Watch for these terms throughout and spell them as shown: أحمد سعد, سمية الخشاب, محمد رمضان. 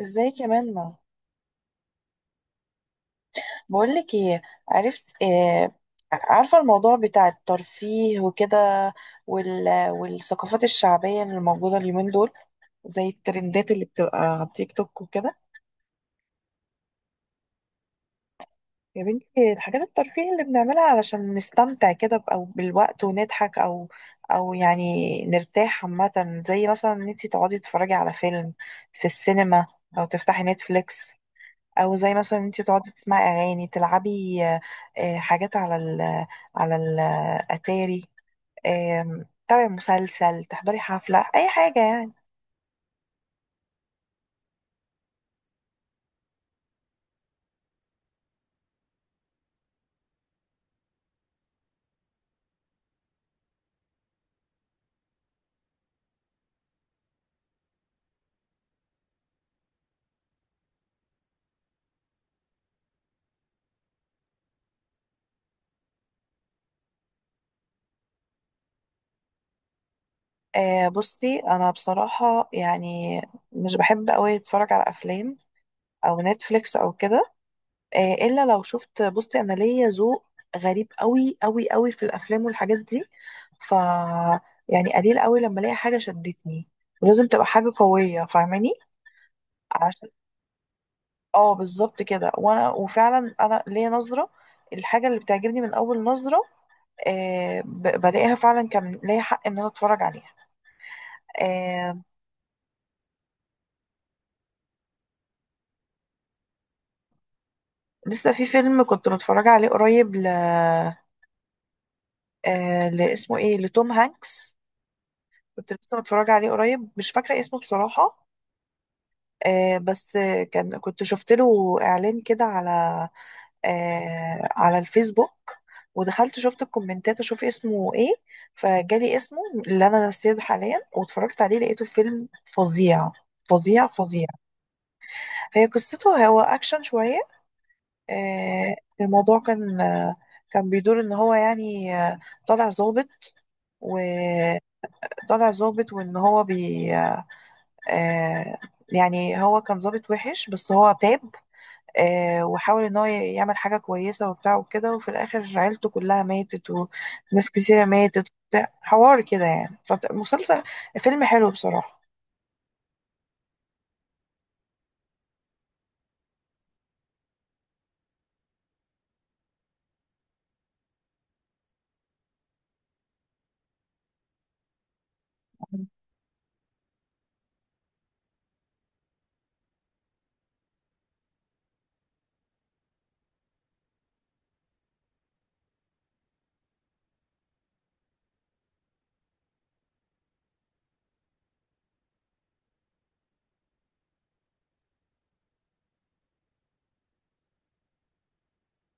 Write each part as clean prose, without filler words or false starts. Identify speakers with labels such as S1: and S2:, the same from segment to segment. S1: ازيك يا منى؟ بقولك ايه، عرفت إيه؟ عارفة الموضوع بتاع الترفيه وكده، والثقافات الشعبية اللي موجودة اليومين دول، زي الترندات اللي بتبقى على التيك توك وكده. يا بنتي الحاجات الترفيه اللي بنعملها علشان نستمتع كده او بالوقت ونضحك او يعني نرتاح عامة، زي مثلا ان انتي تقعدي تتفرجي على فيلم في السينما، او تفتحي نتفليكس، او زي مثلا انت بتقعدي تسمعي اغاني تلعبي، حاجات على على الاتاري، تابعي مسلسل، تحضري حفلة، اي حاجة يعني. بصي انا بصراحة يعني مش بحب قوي اتفرج على افلام او نتفليكس او كده، الا لو شفت. بصي انا ليا ذوق غريب قوي قوي قوي في الافلام والحاجات دي، ف يعني قليل قوي لما الاقي حاجة شدتني، ولازم تبقى حاجة قوية فاهماني. اه بالظبط كده، وانا وفعلا انا ليا نظره، الحاجه اللي بتعجبني من اول نظره، آه بلاقيها فعلا كان ليا حق ان انا اتفرج عليها. آه. لسه في فيلم كنت متفرجه عليه قريب، ل آه لاسمه ايه، لتوم هانكس. كنت لسه متفرجه عليه قريب، مش فاكره اسمه بصراحه، آه بس كان كنت شفت له اعلان كده على، آه، على الفيسبوك، ودخلت شفت الكومنتات اشوف اسمه ايه، فجالي اسمه اللي انا نسيته حاليا، واتفرجت عليه لقيته فيلم فظيع، فظيع. هي قصته، هو اكشن شوية، آه. الموضوع كان، آه، كان بيدور ان هو يعني، آه، طالع ظابط وطالع ظابط، وان هو بي، آه، يعني هو كان ظابط وحش بس هو تاب، وحاول ان هو يعمل حاجة كويسة وبتاع وكده، وفي الاخر عيلته كلها ماتت وناس كثيرة ماتت وبتاع حوار كده يعني، مسلسل، فيلم حلو بصراحة.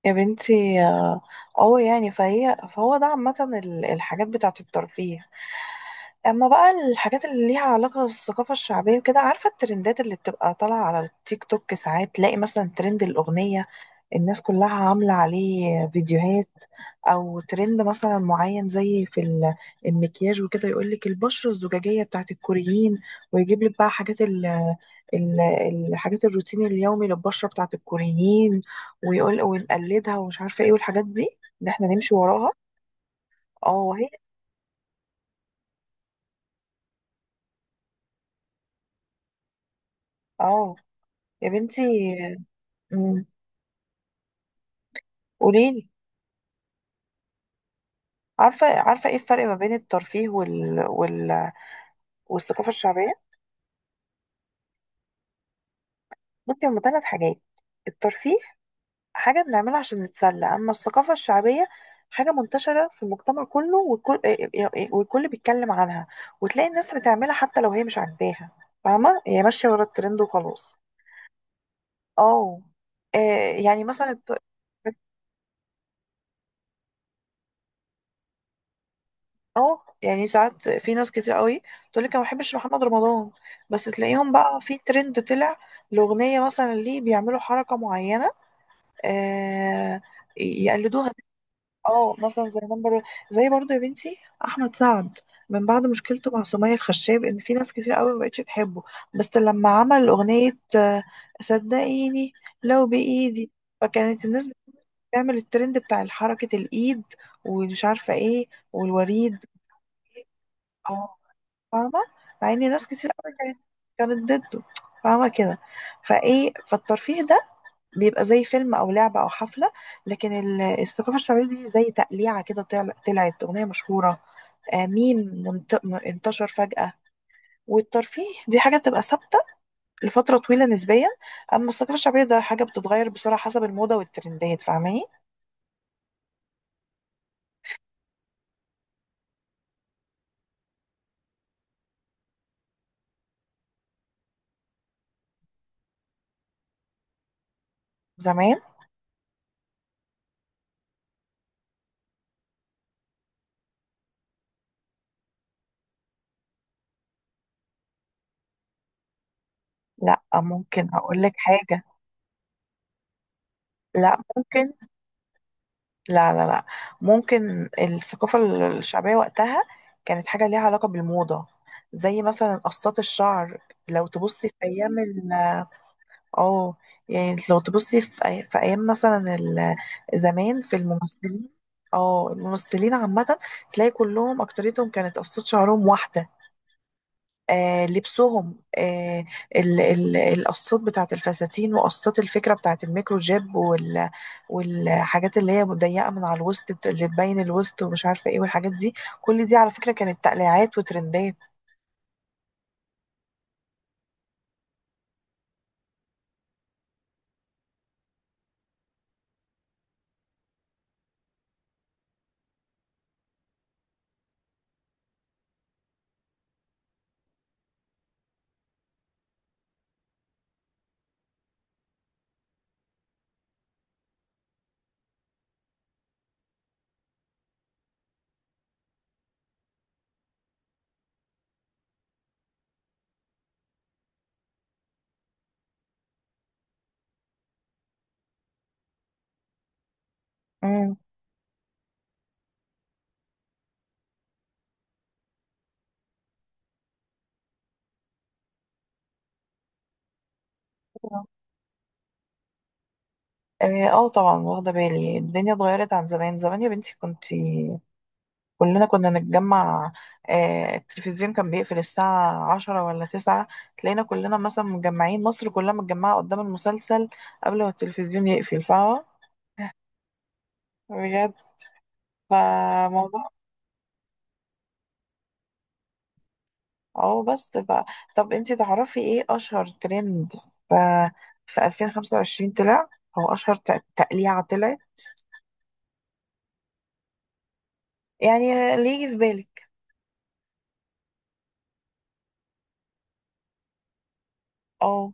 S1: يا بنتي اه، يعني فهو ده عامة الحاجات بتاعة الترفيه. اما بقى الحاجات اللي ليها علاقة بالثقافة الشعبية وكده، عارفة الترندات اللي بتبقى طالعة على التيك توك، ساعات تلاقي مثلا ترند الأغنية، الناس كلها عاملة عليه فيديوهات، او ترند مثلا معين زي في المكياج وكده، يقول لك البشرة الزجاجية بتاعة الكوريين، ويجيب لك بقى حاجات ال- الحاجات الروتين اليومي للبشرة بتاعة الكوريين، ويقول ونقلدها ومش عارفه ايه والحاجات دي، ان احنا نمشي وراها. اه وهي، اه يا بنتي. مم. قوليلي. عارفه، ايه الفرق ما بين الترفيه والثقافه الشعبيه؟ ممكن هما ثلاث حاجات. الترفيه حاجه بنعملها عشان نتسلى، اما الثقافه الشعبيه حاجه منتشره في المجتمع كله، والكل بيتكلم عنها، وتلاقي الناس بتعملها حتى لو هي مش عاجباها، فاهمه، هي ماشيه ورا الترند وخلاص. اه، آه، يعني مثلا اه، يعني ساعات في ناس كتير قوي تقول لك انا ما بحبش محمد رمضان، بس تلاقيهم بقى في ترند طلع الاغنيه، مثلا ليه بيعملوا حركه معينه، آه، يقلدوها. اه مثلا زي نمبر، زي برضه يا بنتي احمد سعد، من بعد مشكلته مع سمية الخشاب ان في ناس كتير قوي ما بقتش تحبه، بس لما عمل اغنيه، صدقيني، لو بايدي، فكانت الناس بتعمل الترند بتاع حركه الايد ومش عارفه ايه والوريد. اه فاهمة، مع ان ناس كتير قوي كانت ضده، فاهمة كده. فايه فالترفيه ده بيبقى زي فيلم او لعبة او حفلة، لكن الثقافة الشعبية دي زي تقليعة كده، طلعت اغنية مشهورة، ميم، انتشر فجأة. والترفيه دي حاجة بتبقى ثابتة لفترة طويلة نسبيا، اما الثقافة الشعبية ده حاجة بتتغير بسرعة حسب الموضة والترندات فاهماني. زمان، لا ممكن اقول لك حاجة، لا ممكن، لا لا لا ممكن الثقافة الشعبية وقتها كانت حاجة ليها علاقة بالموضة، زي مثلا قصات الشعر. لو تبصي في أيام ال، اه، يعني لو تبصي في أيام مثلا زمان في الممثلين، اه الممثلين عامة، تلاقي كلهم أكتريتهم كانت قصات شعرهم واحدة، لبسهم، القصات بتاعت الفساتين وقصات الفكرة بتاعت الميكرو جيب والحاجات اللي هي مضيقة من على الوسط، اللي تبين الوسط ومش عارفة ايه والحاجات دي، كل دي على فكرة كانت تقليعات وترندات. امم، اه، طبعا واخدة بالي، الدنيا اتغيرت عن زمان. زمان يا بنتي كنتي كلنا كنا نتجمع، التلفزيون كان بيقفل الساعة عشرة ولا تسعة، تلاقينا كلنا مثلا مجمعين، مصر كلها متجمعة قدام المسلسل قبل ما التلفزيون يقفل، فاهمة، بجد. فموضوع، اه بس طب انتي تعرفي ايه اشهر ترند ف... في 2025 طلع، او اشهر تقليعة طلعت، يعني اللي يجي في بالك. اه،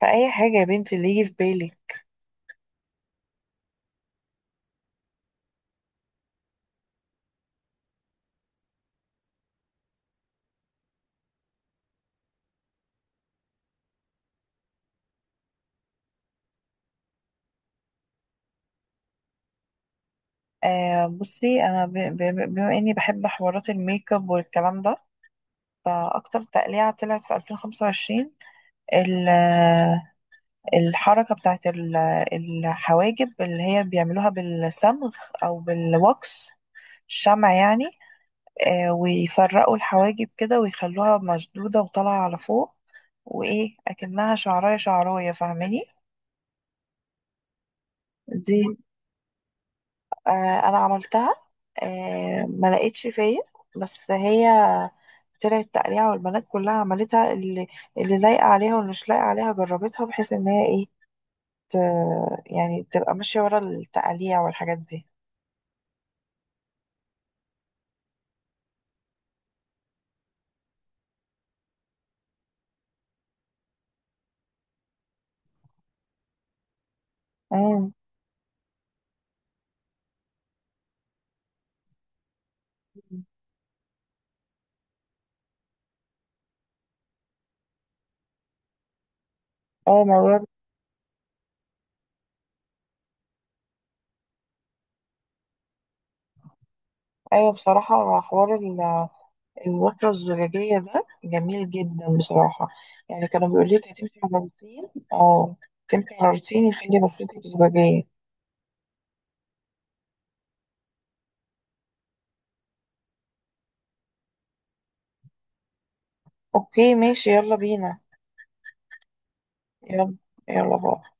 S1: فأي حاجة يا بنتي اللي يجي في بالك. بصي انا بما اني بحب حوارات الميك اب والكلام ده، فأكتر تقليعة طلعت في 2025 ال- الحركة بتاعت الحواجب اللي هي بيعملوها بالصمغ أو بالوكس، شمع يعني، ويفرقوا الحواجب كده ويخلوها مشدودة وطالعة على فوق، وإيه أكنها شعراية فاهماني. دي، آه، انا عملتها، ما لقيتش فيا، بس هي طلعت تقريعة والبنات كلها عملتها، اللي اللي لايقة عليها واللي مش لايقة عليها جربتها، بحيث ان هي ايه، ت... يعني تبقى ماشية ورا التقاليع والحاجات دي. امم، اه موضوع. ايوه بصراحة حوار الوترة الزجاجية ده جميل جدا بصراحة، يعني كانوا بيقولوا لي هتمشي على روتين، اه تمشي على روتين يخلي بشرتك زجاجية. اوكي ماشي، يلا بينا، يلا. يلا باي.